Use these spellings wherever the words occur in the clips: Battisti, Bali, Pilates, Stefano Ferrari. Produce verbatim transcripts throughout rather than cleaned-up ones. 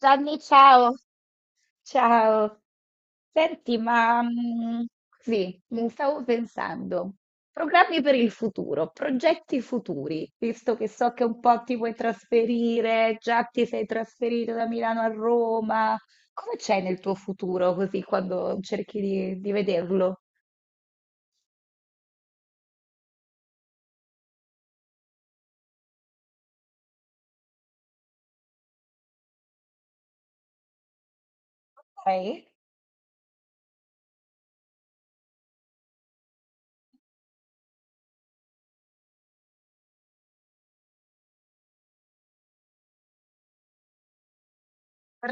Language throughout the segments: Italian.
Gianni, ciao, ciao. Senti, ma mm, sì, mi stavo pensando, programmi per il futuro, progetti futuri, visto che so che un po' ti vuoi trasferire, già ti sei trasferito da Milano a Roma, come c'è nel tuo futuro così quando cerchi di, di vederlo? Dai.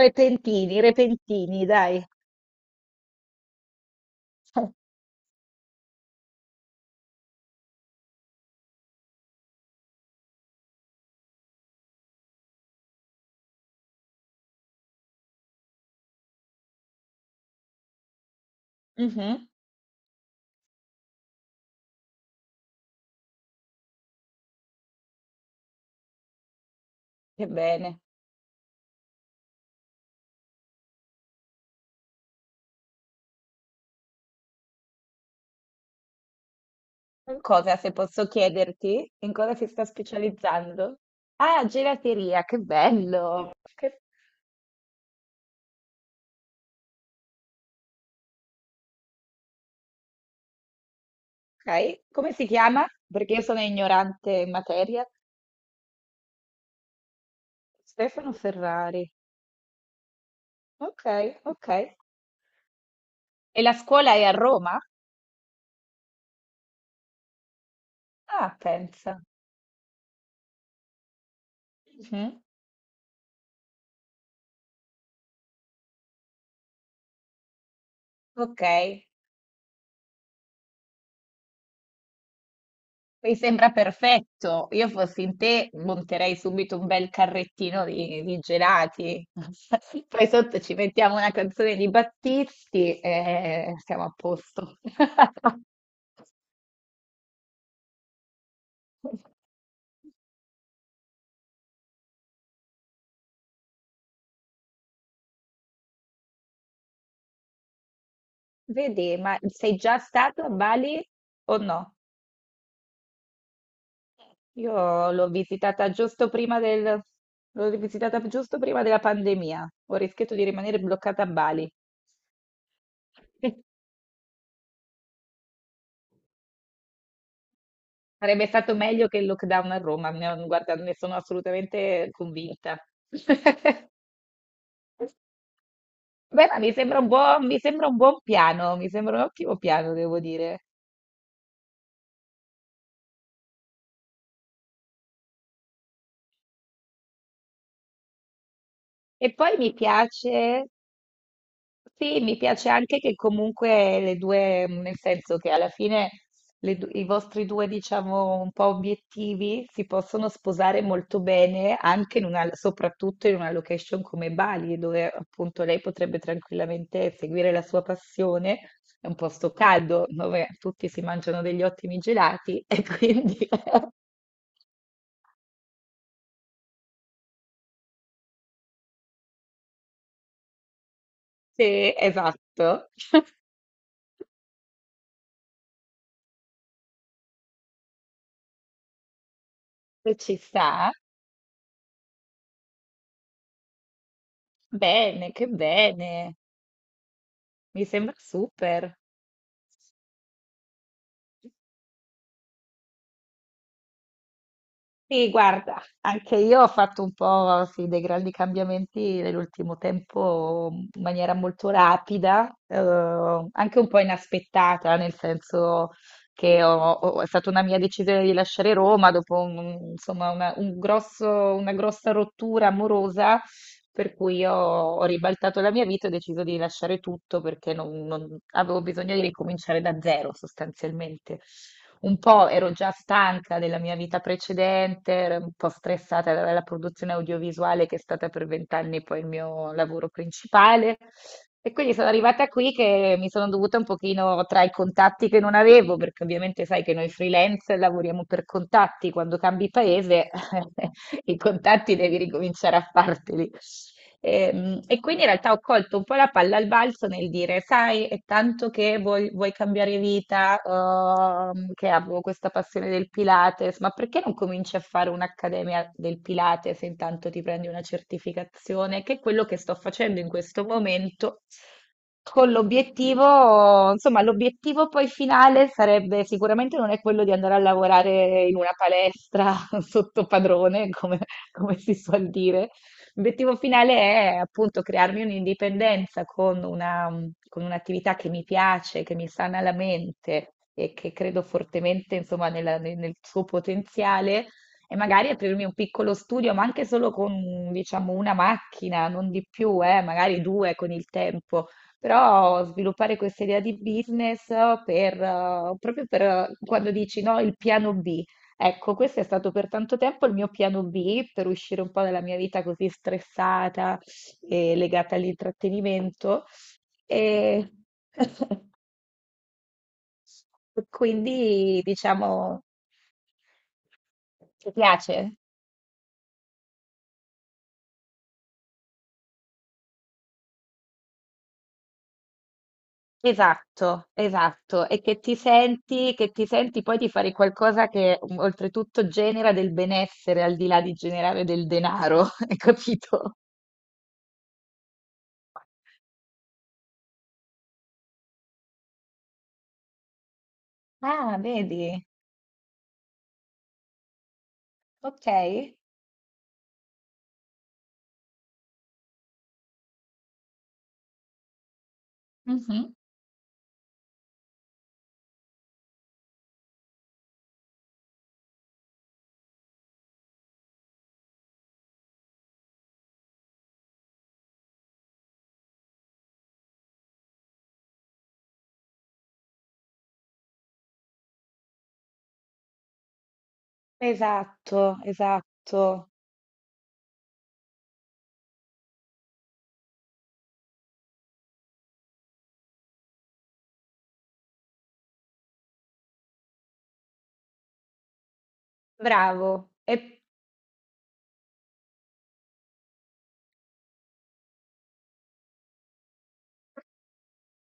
Repentini, repentini, dai. Mhm, che bene. In cosa, se posso chiederti, in cosa si sta specializzando? Ah, gelateria, che bello! Che- Ok, come si chiama? Perché io sono ignorante in materia. Stefano Ferrari. Ok, ok. E la scuola è a Roma? Ah, pensa. Mhm. Ok. Mi sembra perfetto. Io fossi in te, monterei subito un bel carrettino di, di gelati. Poi sotto ci mettiamo una canzone di Battisti e siamo a posto. Vedi, ma sei già stato a Bali o no? Io l'ho visitata giusto prima del, l'ho visitata giusto prima della pandemia. Ho rischiato di rimanere bloccata a Bali. Sarebbe stato meglio che il lockdown a Roma, ne- guarda, ne sono assolutamente convinta. Beh, ma mi sembra un buon, mi sembra un buon piano, mi sembra un ottimo piano, devo dire. E poi mi piace sì, mi piace anche che comunque le due, mm, nel senso che alla fine le du- i vostri due, diciamo, un po' obiettivi si possono sposare molto bene anche in una, soprattutto in una location come Bali, dove appunto lei potrebbe tranquillamente seguire la sua passione. È un posto caldo dove tutti si mangiano degli ottimi gelati e quindi sì, esatto, se ci sta, bene, che bene, mi sembra super. Sì, guarda, anche io ho fatto un po', sì, dei grandi cambiamenti nell'ultimo tempo in maniera molto rapida, eh, anche un po' inaspettata, nel senso che ho- ho- è stata una mia decisione di lasciare Roma dopo un- insomma, una, un grosso- una grossa rottura amorosa, per cui ho, ho ribaltato la mia vita e ho deciso di lasciare tutto perché non non- avevo bisogno di ricominciare da zero sostanzialmente. Un po' ero già stanca della mia vita precedente, ero un po' stressata dalla produzione audiovisuale che è stata per vent'anni poi il mio lavoro principale. E quindi sono arrivata qui che mi sono dovuta un pochino tra i contatti che non avevo, perché ovviamente sai che noi freelance lavoriamo per contatti, quando cambi paese i contatti devi ricominciare a farteli. Ehm, E, quindi in realtà ho colto un po' la palla al balzo nel dire, sai, è tanto che vuoi, vuoi cambiare vita, ehm, che avevo questa passione del Pilates, ma perché non cominci a fare un'accademia del Pilates e intanto ti prendi una certificazione, che è quello che sto facendo in questo momento con l'obiettivo, insomma, l'obiettivo poi finale sarebbe sicuramente non è quello di andare a lavorare in una palestra sotto padrone, come, come si suol dire. L'obiettivo finale è appunto crearmi un'indipendenza con una, con un'attività che mi piace, che mi sana la mente e che credo fortemente, insomma, nella- nel nel suo potenziale e magari aprirmi un piccolo studio, ma anche solo con, diciamo, una macchina, non di più, eh, magari due con il tempo però sviluppare questa idea di business per, eh, proprio per eh, quando dici no, il piano B. Ecco, questo è stato per tanto tempo il mio piano B per uscire un po' dalla mia vita così stressata e legata all'intrattenimento. E quindi, diciamo, ti piace? Esatto, esatto, e che ti senti, che ti senti poi di fare qualcosa che mm, oltretutto genera del benessere al di là di generare del denaro, hai capito? Ah, vedi? Ok. Mhm. Esatto, esatto, bravo. E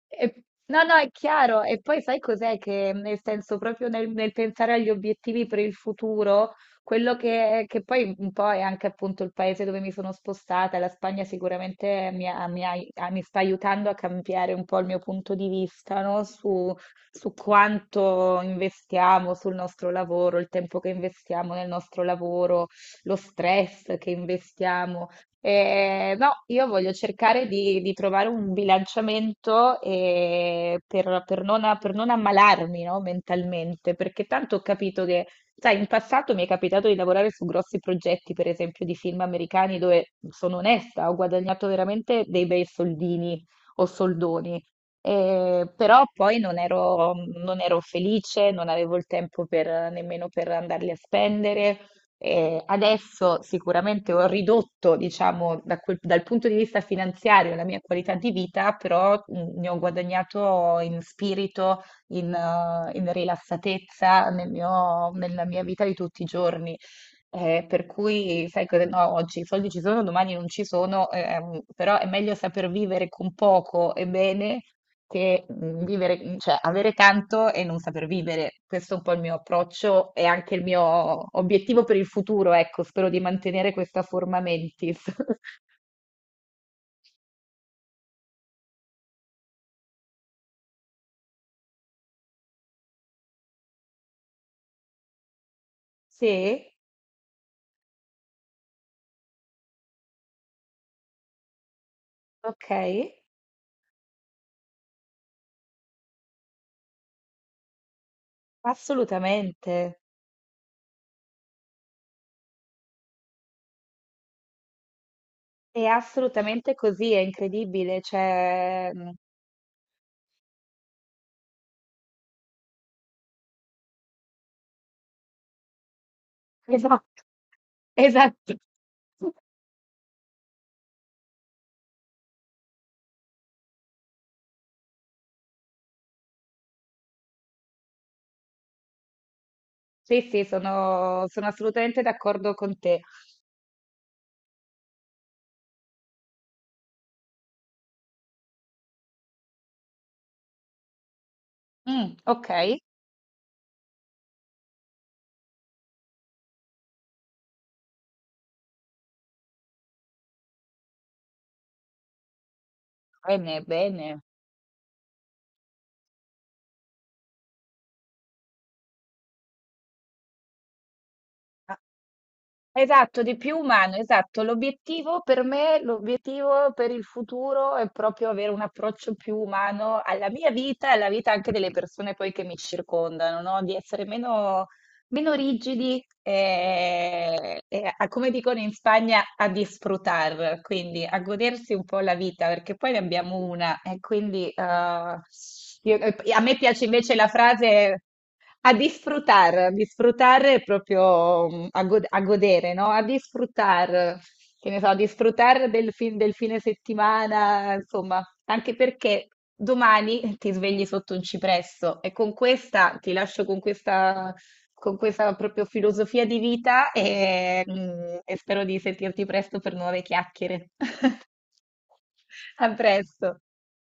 E- no, no, è chiaro. E poi sai cos'è che, nel senso, proprio nel, nel pensare agli obiettivi per il futuro, quello che, che poi un po' è anche appunto il paese dove mi sono spostata, la Spagna sicuramente mi, ha- mi ha- ah, mi sta aiutando a cambiare un po' il mio punto di vista, no? Su, su quanto investiamo sul nostro lavoro, il tempo che investiamo nel nostro lavoro, lo stress che investiamo. Eh, no, io voglio cercare di, di trovare un bilanciamento eh, per, per non, per non ammalarmi, no, mentalmente, perché tanto ho capito che, sai, in passato mi è capitato di lavorare su grossi progetti, per esempio di film americani, dove sono onesta, ho guadagnato veramente dei bei soldini o soldoni, eh, però poi non ero, non ero felice, non avevo il tempo per- nemmeno per andarli a spendere eh, adesso sicuramente ho ridotto, diciamo, da quel- dal punto di vista finanziario la mia qualità di vita, però mh, ne ho guadagnato in spirito, in, eh, in rilassatezza nel mio- nella mia vita di tutti i giorni. Eh, per cui, sai cosa? No, oggi i soldi ci sono, domani non ci sono, ehm, però è meglio saper vivere con poco e bene che mh, vivere, mh, cioè avere tanto e non saper vivere. Questo è un po' il mio approccio e anche il mio obiettivo per il futuro, ecco, spero di mantenere questa forma mentis. Sì, ok, assolutamente. È assolutamente così, è incredibile, cioè mh, esatto. Sì, sì, sono, sono assolutamente d'accordo con te. Mm, ok, bene, bene. Esatto, di più umano, esatto. L'obiettivo per me, l'obiettivo per il futuro è proprio avere un approccio più umano alla mia vita e alla vita anche delle persone poi che mi circondano, no? Di essere meno meno rigidi e, e a- come dicono in Spagna, a disfrutar, quindi a godersi un po' la vita, perché poi ne abbiamo una e quindi eh, io- e a me piace invece la frase a disfrutar, disfrutar è proprio mm, a, go- a godere, no? A disfrutar, che ne so, a disfrutar del, fin- del fine settimana, insomma, anche perché domani ti svegli sotto un cipresso e con questa ti lascio con questa con questa proprio filosofia di vita e, mm, e spero di sentirti presto per nuove chiacchiere. A presto.